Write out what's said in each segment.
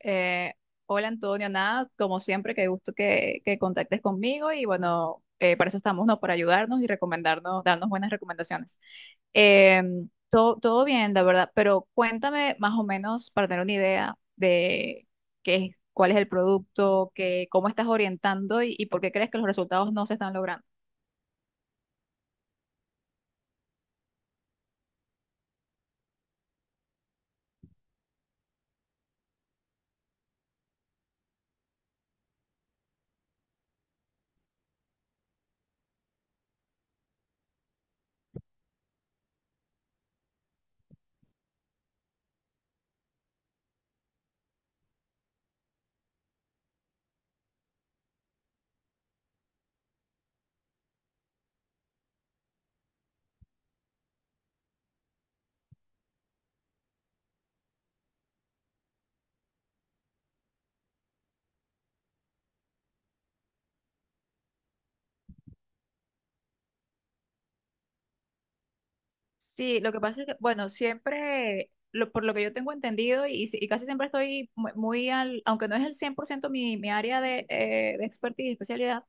Eh, Hola Antonio, nada, como siempre, qué gusto que contactes conmigo y bueno, para eso estamos, ¿no? Para ayudarnos y recomendarnos, darnos buenas recomendaciones. Eh, todo bien, la verdad, pero cuéntame más o menos para tener una idea de qué es, cuál es el producto, qué, cómo estás orientando y por qué crees que los resultados no se están logrando. Sí, lo que pasa es que, bueno, siempre, por lo que yo tengo entendido, y, si- y casi siempre estoy muy al, aunque no es el 100% mi área de expertise y especialidad,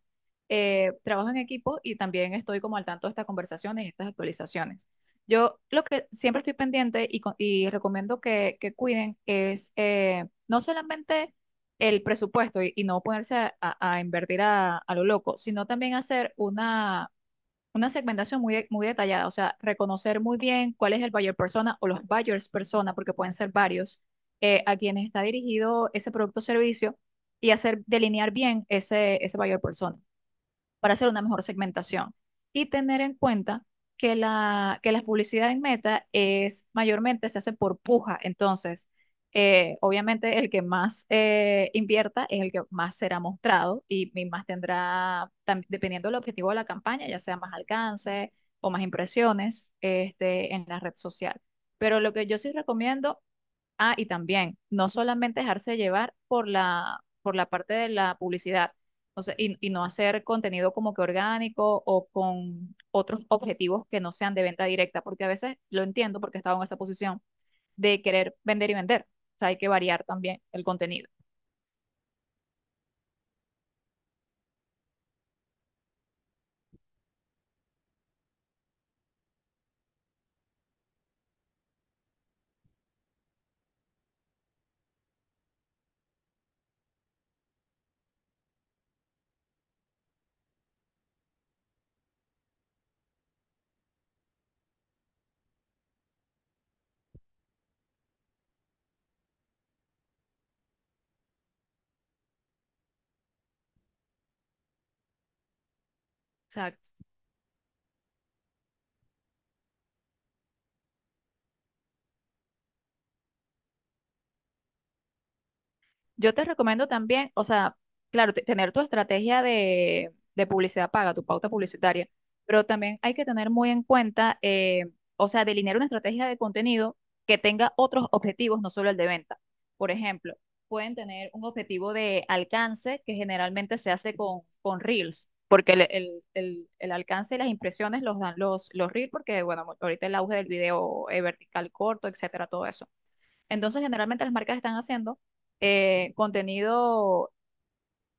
trabajo en equipo y también estoy como al tanto de estas conversaciones y estas actualizaciones. Yo lo que siempre estoy pendiente y recomiendo que cuiden es no solamente el presupuesto y no ponerse a invertir a lo loco, sino también hacer una segmentación muy detallada, o sea, reconocer muy bien cuál es el buyer persona o los buyers persona, porque pueden ser varios, a quienes está dirigido ese producto o servicio y hacer delinear bien ese buyer persona para hacer una mejor segmentación. Y tener en cuenta que la publicidad en Meta es mayormente se hace por puja. Entonces, obviamente el que más invierta es el que más será mostrado y más tendrá, dependiendo del objetivo de la campaña, ya sea más alcance o más impresiones en la red social. Pero lo que yo sí recomiendo. Ah, y también, no solamente dejarse llevar por la parte de la publicidad, o sea, y no hacer contenido como que orgánico o con otros objetivos que no sean de venta directa, porque a veces lo entiendo porque he estado en esa posición de querer vender y vender. O sea, hay que variar también el contenido. Yo te recomiendo también, o sea, claro, tener tu estrategia de publicidad paga, tu pauta publicitaria, pero también hay que tener muy en cuenta, o sea, delinear una estrategia de contenido que tenga otros objetivos, no solo el de venta. Por ejemplo, pueden tener un objetivo de alcance que generalmente se hace con Reels, porque el alcance y las impresiones los dan los Reels, porque, bueno, ahorita el auge del video vertical corto, etcétera, todo eso. Entonces, generalmente las marcas están haciendo contenido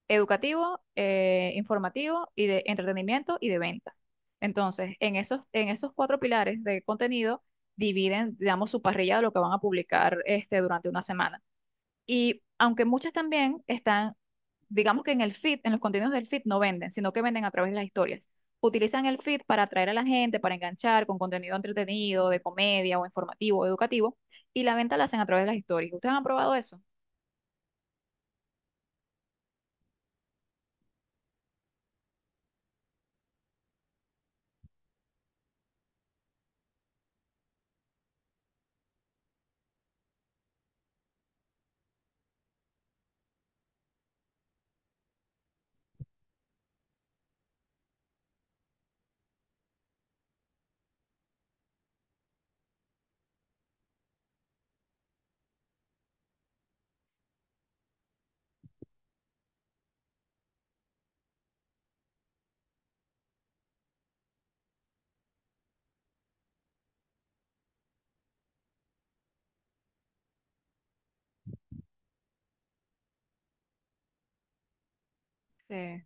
educativo, informativo y de entretenimiento y de venta. Entonces, en esos cuatro pilares de contenido, dividen, digamos, su parrilla de lo que van a publicar durante una semana. Y aunque muchas también están digamos que en el feed, en los contenidos del feed no venden, sino que venden a través de las historias. Utilizan el feed para atraer a la gente, para enganchar con contenido entretenido, de comedia o informativo, o educativo, y la venta la hacen a través de las historias. ¿Ustedes han probado eso? Sí.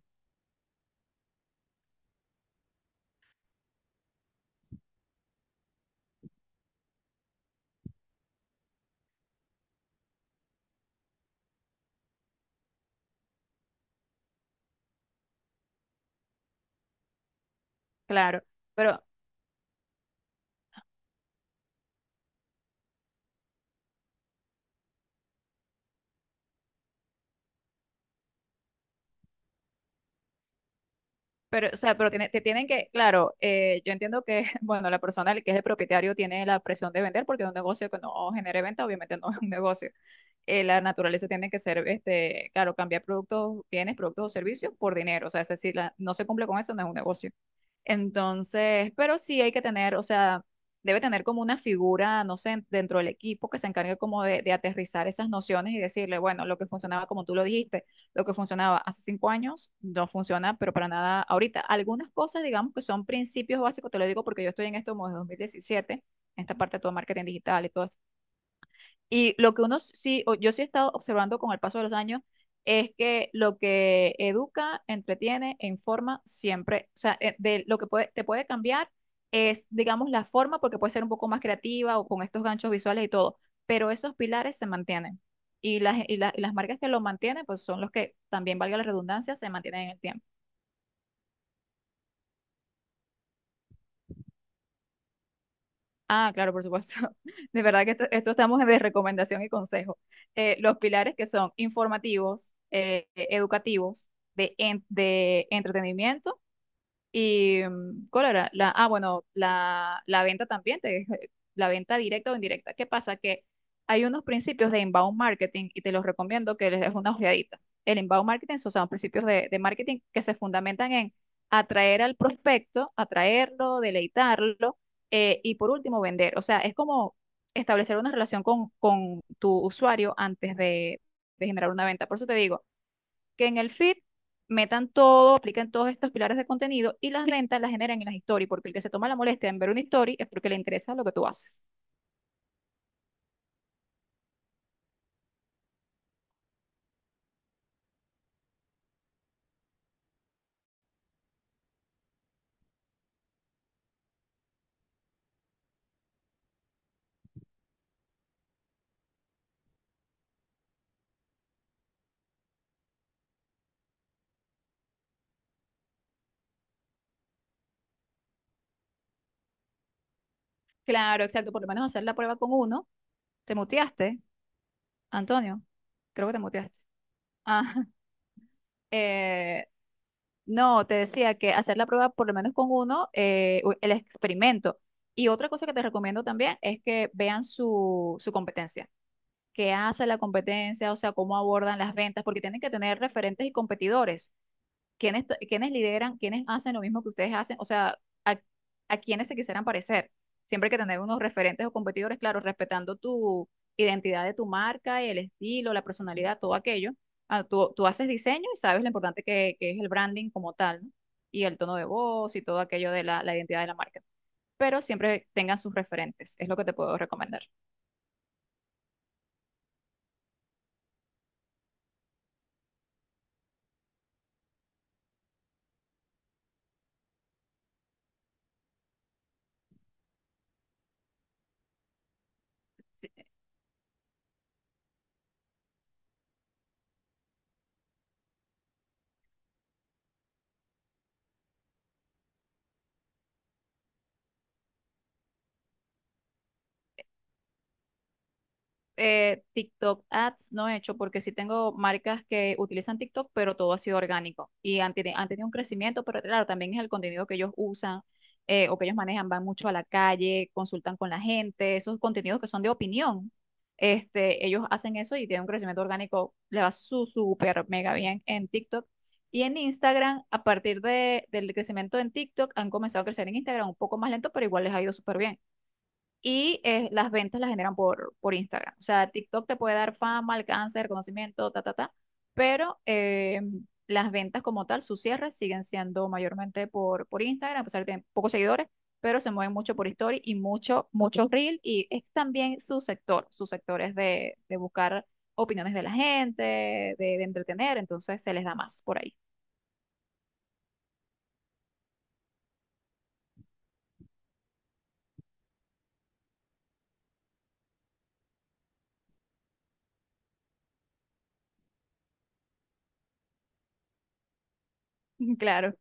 Claro, pero. O sea, pero te tienen que, claro, yo entiendo que, bueno, la persona que es el propietario tiene la presión de vender porque un negocio que no genere venta, obviamente no es un negocio. La naturaleza tiene que ser, claro, cambiar productos, bienes, productos o servicios por dinero. O sea, es decir, no se cumple con eso, no es un negocio. Entonces, pero sí hay que tener, o sea, debe tener como una figura, no sé, dentro del equipo que se encargue como de aterrizar esas nociones y decirle, bueno, lo que funcionaba, como tú lo dijiste, lo que funcionaba hace cinco años no funciona, pero para nada ahorita. Algunas cosas, digamos, que son principios básicos, te lo digo porque yo estoy en esto como desde 2017, en esta parte de todo marketing digital y todo y lo que uno sí, o yo sí he estado observando con el paso de los años, es que lo que educa, entretiene e informa siempre, o sea, de lo que puede, te puede cambiar es, digamos, la forma, porque puede ser un poco más creativa o con estos ganchos visuales y todo, pero esos pilares se mantienen. Y las marcas que lo mantienen, pues son los que, también valga la redundancia, se mantienen en el tiempo. Ah, claro, por supuesto. De verdad que esto estamos de recomendación y consejo. Los pilares que son informativos, educativos, de entretenimiento. ¿Y cuál era? Ah, bueno, la venta también, la venta directa o indirecta. ¿Qué pasa? Que hay unos principios de inbound marketing y te los recomiendo que les des una ojeadita. El inbound marketing son principios de marketing que se fundamentan en atraer al prospecto, atraerlo, deleitarlo, y por último vender. O sea, es como establecer una relación con tu usuario antes de generar una venta. Por eso te digo que en el feed metan todo, apliquen todos estos pilares de contenido y las ventas las generan en las stories, porque el que se toma la molestia en ver una story es porque le interesa lo que tú haces. Claro, exacto, por lo menos hacer la prueba con uno. ¿Te muteaste, Antonio? Creo que te muteaste. Ah, eh, no, te decía que hacer la prueba por lo menos con uno, el experimento. Y otra cosa que te recomiendo también es que vean su competencia. ¿Qué hace la competencia? O sea, cómo abordan las ventas, porque tienen que tener referentes y competidores. Quiénes lideran, quiénes hacen lo mismo que ustedes hacen, o sea, a, a quiénes se quisieran parecer. Siempre hay que tener unos referentes o competidores, claro, respetando tu identidad de tu marca, el estilo, la personalidad, todo aquello. Ah, tú haces diseño y sabes lo importante que es el branding como tal, ¿no? Y el tono de voz y todo aquello de la identidad de la marca. Pero siempre tengan sus referentes, es lo que te puedo recomendar. TikTok ads no he hecho porque sí tengo marcas que utilizan TikTok, pero todo ha sido orgánico y han tenido un crecimiento, pero claro, también es el contenido que ellos usan, o que ellos manejan, van mucho a la calle, consultan con la gente, esos contenidos que son de opinión. Ellos hacen eso y tienen un crecimiento orgánico, le va su súper mega bien en TikTok. Y en Instagram, a partir del crecimiento en TikTok, han comenzado a crecer en Instagram un poco más lento, pero igual les ha ido súper bien y las ventas las generan por Instagram. O sea, TikTok te puede dar fama, alcance, reconocimiento, ta, ta, ta, pero las ventas como tal, sus cierres siguen siendo mayormente por Instagram, a pesar de que tienen pocos seguidores, pero se mueven mucho por Story y mucho, muchos Reel y es también su sector, sus sectores de buscar opiniones de la gente, de entretener, entonces se les da más por ahí. Claro,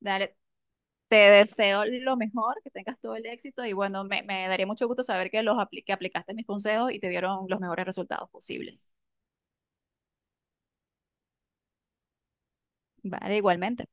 dale. Te deseo lo mejor, que tengas todo el éxito y bueno, me daría mucho gusto saber que aplicaste mis consejos y te dieron los mejores resultados posibles. Vale, igualmente.